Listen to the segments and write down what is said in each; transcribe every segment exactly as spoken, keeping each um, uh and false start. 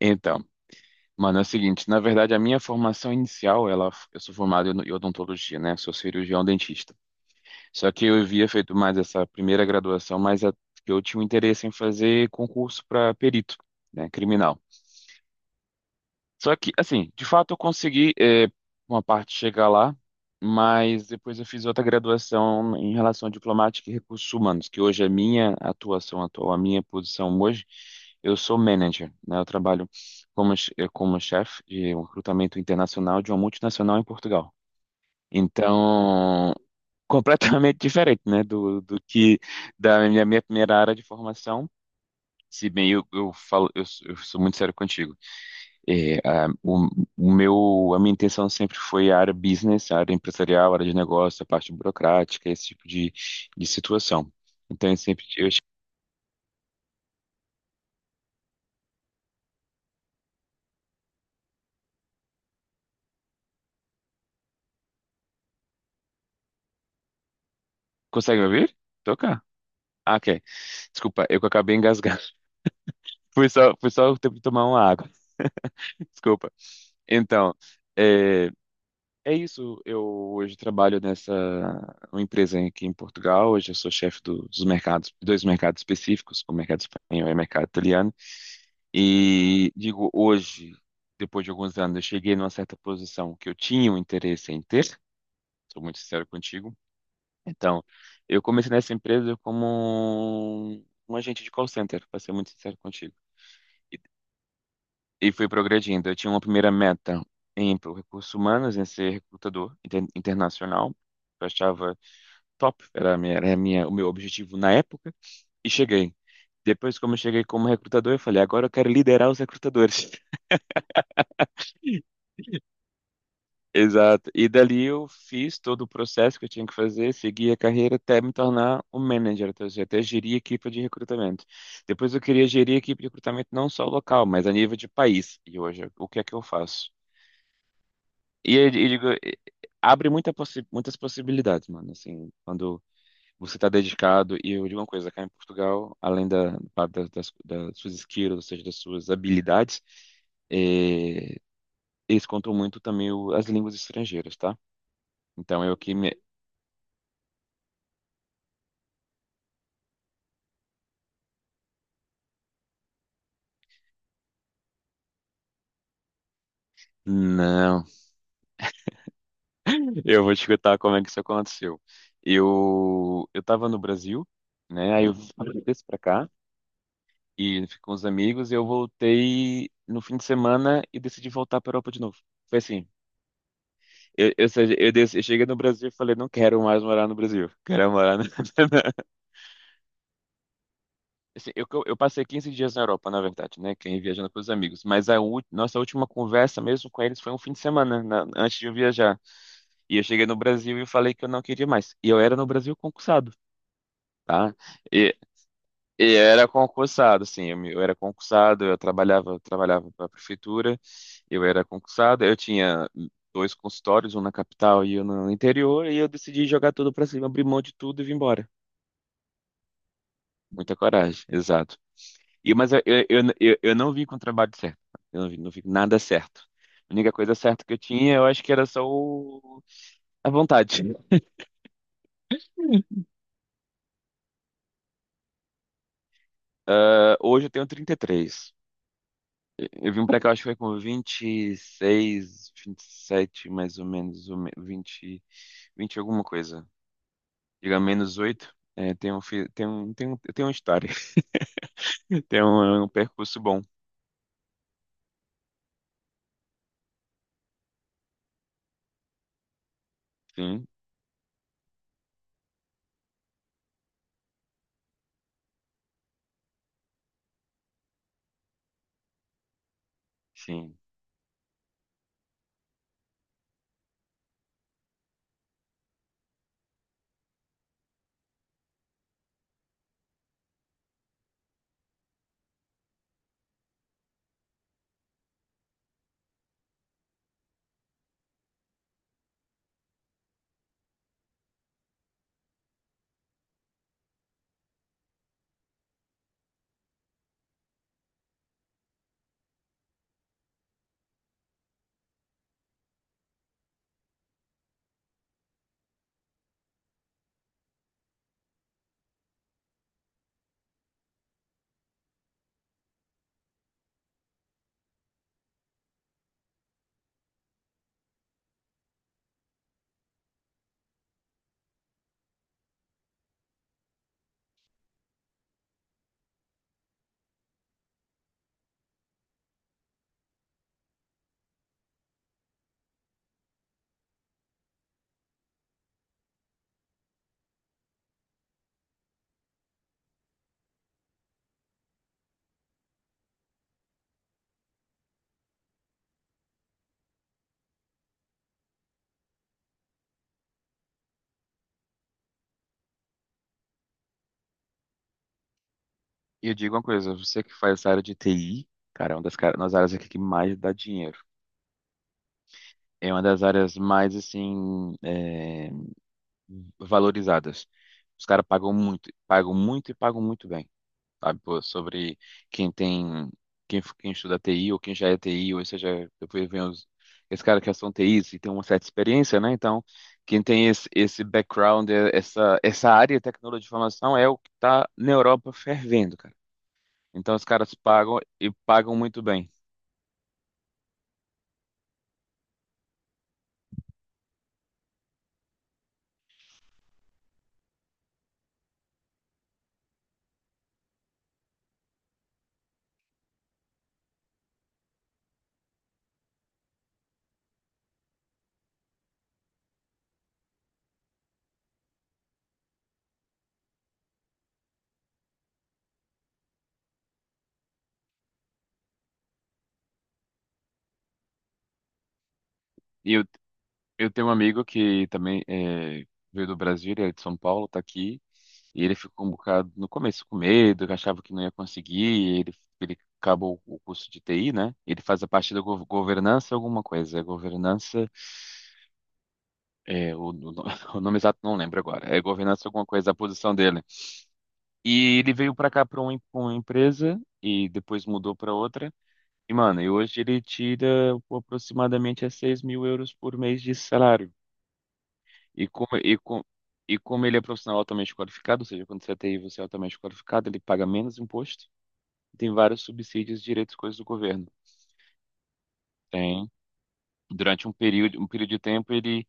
Então, mano, é o seguinte, na verdade a minha formação inicial, ela, eu sou formado em em odontologia, né? Sou cirurgião dentista. Só que eu havia feito mais essa primeira graduação, mas a- eu tinha um interesse em fazer concurso para perito, né? Criminal. Só que, assim, de fato eu consegui eh, uma parte chegar lá, mas depois eu fiz outra graduação em relação à diplomática e recursos humanos, que hoje é minha atuação atual, a minha posição hoje. Eu sou manager, né? Eu trabalho como, che- eh, como chefe de um recrutamento internacional de uma multinacional em Portugal. Então, completamente diferente, né? Do, do que da minha, minha primeira área de formação. Se bem eu, eu falo, eu, sou eu sou muito sério contigo. É, a, o, o meu, a minha intenção sempre foi a área business, a área empresarial, a área de negócio, a parte burocrática, esse tipo de, de situação. Então, eu sempre. Eu, consegue me ouvir? Tô cá. Ah, ok. Desculpa, eu que acabei engasgando. Foi só, foi só o tempo de tomar uma água. Desculpa. Então, é, é isso. Eu hoje trabalho nessa uma empresa aqui em Portugal. Hoje eu sou chefe do- dos mercados, dois mercados específicos, o mercado espanhol e o mercado italiano. E digo hoje, depois de alguns anos, eu cheguei numa certa posição que eu tinha um interesse em ter, sou muito sincero contigo. Então, eu comecei nessa empresa como um um agente de call center, para ser muito sincero contigo. E fui progredindo. Eu tinha uma primeira meta em pro- recursos humanos, em ser recrutador inter- internacional. Eu achava top, era, a minha, era a minha, o meu objetivo na época. E cheguei. Depois, como eu cheguei como recrutador, eu falei, agora eu quero liderar os recrutadores. Exato. E dali eu fiz todo o processo que eu tinha que fazer, segui a carreira até me tornar um manager, ou seja, até gerir equipe de recrutamento. Depois eu queria gerir equipe de recrutamento não só local, mas a nível de país. E hoje, o que é que eu faço? E eu eu digo, eh, abre muita possi- muitas possibilidades, mano. Assim, quando você está dedicado, e eu digo uma coisa, cá em Portugal, além da, da- das, das suas skills, ou seja, das suas habilidades, eh, eles contam muito também o- as línguas estrangeiras, tá? Então, eu que me, não, eu vou te contar como é que isso aconteceu. Eu eu estava no Brasil, né? Aí eu desci para cá e fiquei com os amigos e eu voltei no fim de semana e decidi voltar para Europa de novo. Foi assim. Eu, eu, sei- eu, des- eu cheguei no Brasil e falei, não quero mais morar no Brasil. Quero morar na... Assim, eu, eu passei quinze dias na Europa, na verdade, né? Quem viajando com os amigos. Mas a ú- nossa última conversa mesmo com eles foi um fim de semana, na- antes de eu viajar. E eu cheguei no Brasil e falei que eu não queria mais. E eu era no Brasil concursado, tá? E, e era concursado, assim, eu, me- eu era concursado, eu trabalhava, eu trabalhava para a prefeitura, eu era concursado, eu tinha dois consultórios, um na capital e um no interior, e eu decidi jogar tudo para cima, abrir mão de tudo e vim embora. Muita coragem, exato. E, mas eu, eu, eu, eu eu não vim com o trabalho certo, eu não vim, não vim com nada certo. A única coisa certa que eu tinha, eu acho que era só o- a vontade. Ah, hoje eu tenho trinta e três. Eu vim pra cá, acho que foi com vinte e seis, sete mais ou menos, ou me- vinte, vinte alguma coisa. Diga menos oito. É, tem um, fi- tem um, tem um, tem uma história, tem um, um percurso bom. Sim, sim. E eu digo uma coisa, você que faz essa área de T I, cara, é uma das, cara- das áreas aqui que mais dá dinheiro. É uma das áreas mais, assim, é, valorizadas. Os caras pagam muito, pagam muito e pagam muito bem. Sabe, pô, sobre quem tem, quem, quem estuda T I ou quem já é T I, ou seja, depois vem os, esse cara que são T Is e tem uma certa experiência, né? Então, quem tem esse, esse background, eh, essa, essa área de tecnologia de informação é o que está na Europa fervendo, cara. Então, os caras pagam e pagam muito bem. E eu tenho um amigo que também é, veio do Brasil, ele é de São Paulo, tá aqui, e ele ficou um bocado no começo com medo, que achava que não ia conseguir, e ele, ele acabou o curso de T I, né? Ele faz a parte da gov- governança alguma coisa, é governança, é, o, o- o nome exato não lembro agora, é governança alguma coisa, a posição dele. E ele veio pra cá pra uma, em- uma empresa, e depois mudou pra outra, e mano, e hoje ele tira aproximadamente a seis mil euros por mês de salário. E como, e, com, e como ele é profissional altamente qualificado, ou seja, quando você é T I, você é altamente qualificado, ele paga menos imposto. Tem vários subsídios, direitos, coisas do governo. Tem, durante um período, um período de tempo, ele,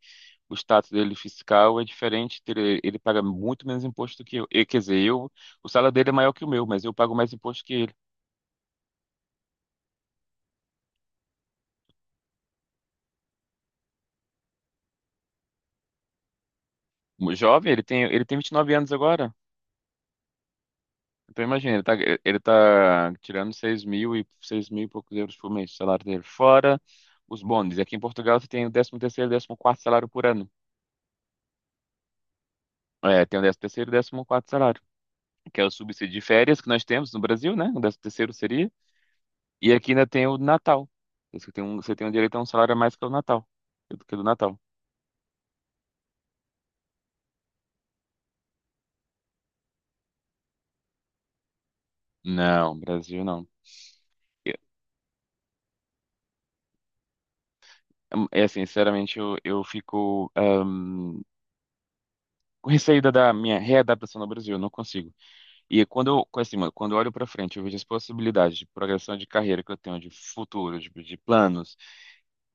o status dele fiscal é diferente, ele, ele paga muito menos imposto do que eu. E, quer dizer, eu, o salário dele é maior que o meu, mas eu pago mais imposto que ele. O jovem, ele tem, ele tem vinte e nove anos agora. Então imagina, ele tá, ele tá tirando seis mil e seis mil e poucos euros por mês, o salário dele. Fora os bônus. E aqui em Portugal você tem o décimo terceiro e décimo quarto salário por ano. É, tem o décimo terceiro e décimo quarto salário, que é o subsídio de férias que nós temos no Brasil, né? O décimo terceiro seria. E aqui ainda tem o Natal. Você tem um, você tem um direito a um salário a mais que o Natal, do que o do Natal. Não, Brasil não. É, é, assim, sinceramente, eu, eu fico ahm, com receio da da minha readaptação no Brasil, eu não consigo. E quando eu, co- assim, mano, quando eu olho para frente, eu vejo as possibilidades de progressão de carreira que eu tenho, de futuro, de, de planos,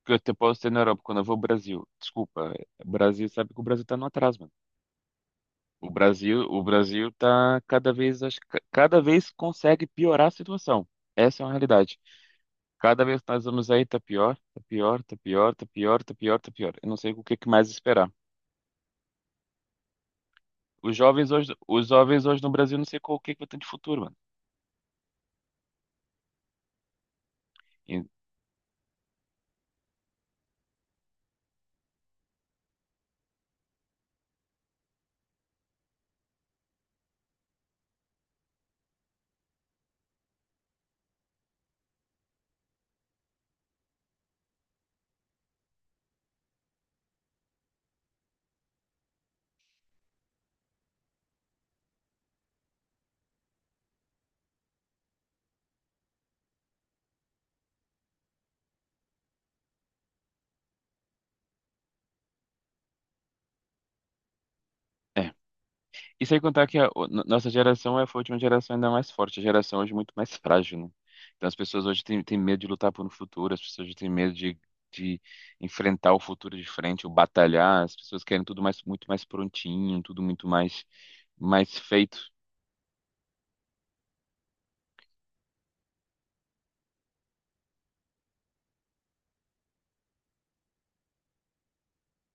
que eu te- posso ter na Europa quando eu vou ao Brasil. Desculpa, é, Brasil sabe que o Brasil tá no atraso, mano. O Brasil, o Brasil tá cada vez, acho que cada vez consegue piorar a situação. Essa é uma realidade. Cada vez que nós vamos aí, tá pior, tá pior, tá pior, tá pior, tá pior, tá pior. Eu não sei o que que mais esperar. Os jovens hoje, os jovens hoje no Brasil, não sei qual o que que vai ter de futuro, mano. E- É. E sem contar que a o- no- nossa geração é- foi a última geração ainda mais forte, a geração hoje é muito mais frágil, né? Então as pessoas hoje têm, têm medo de lutar por um futuro, as pessoas hoje têm medo de, de enfrentar o futuro de frente, ou batalhar, as pessoas querem tudo mais, muito mais prontinho, tudo muito mais, mais feito.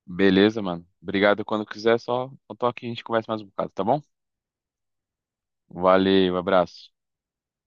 Beleza, mano? Obrigado. Quando quiser, só um toque e a gente conversa mais um bocado, tá bom? Valeu, abraço.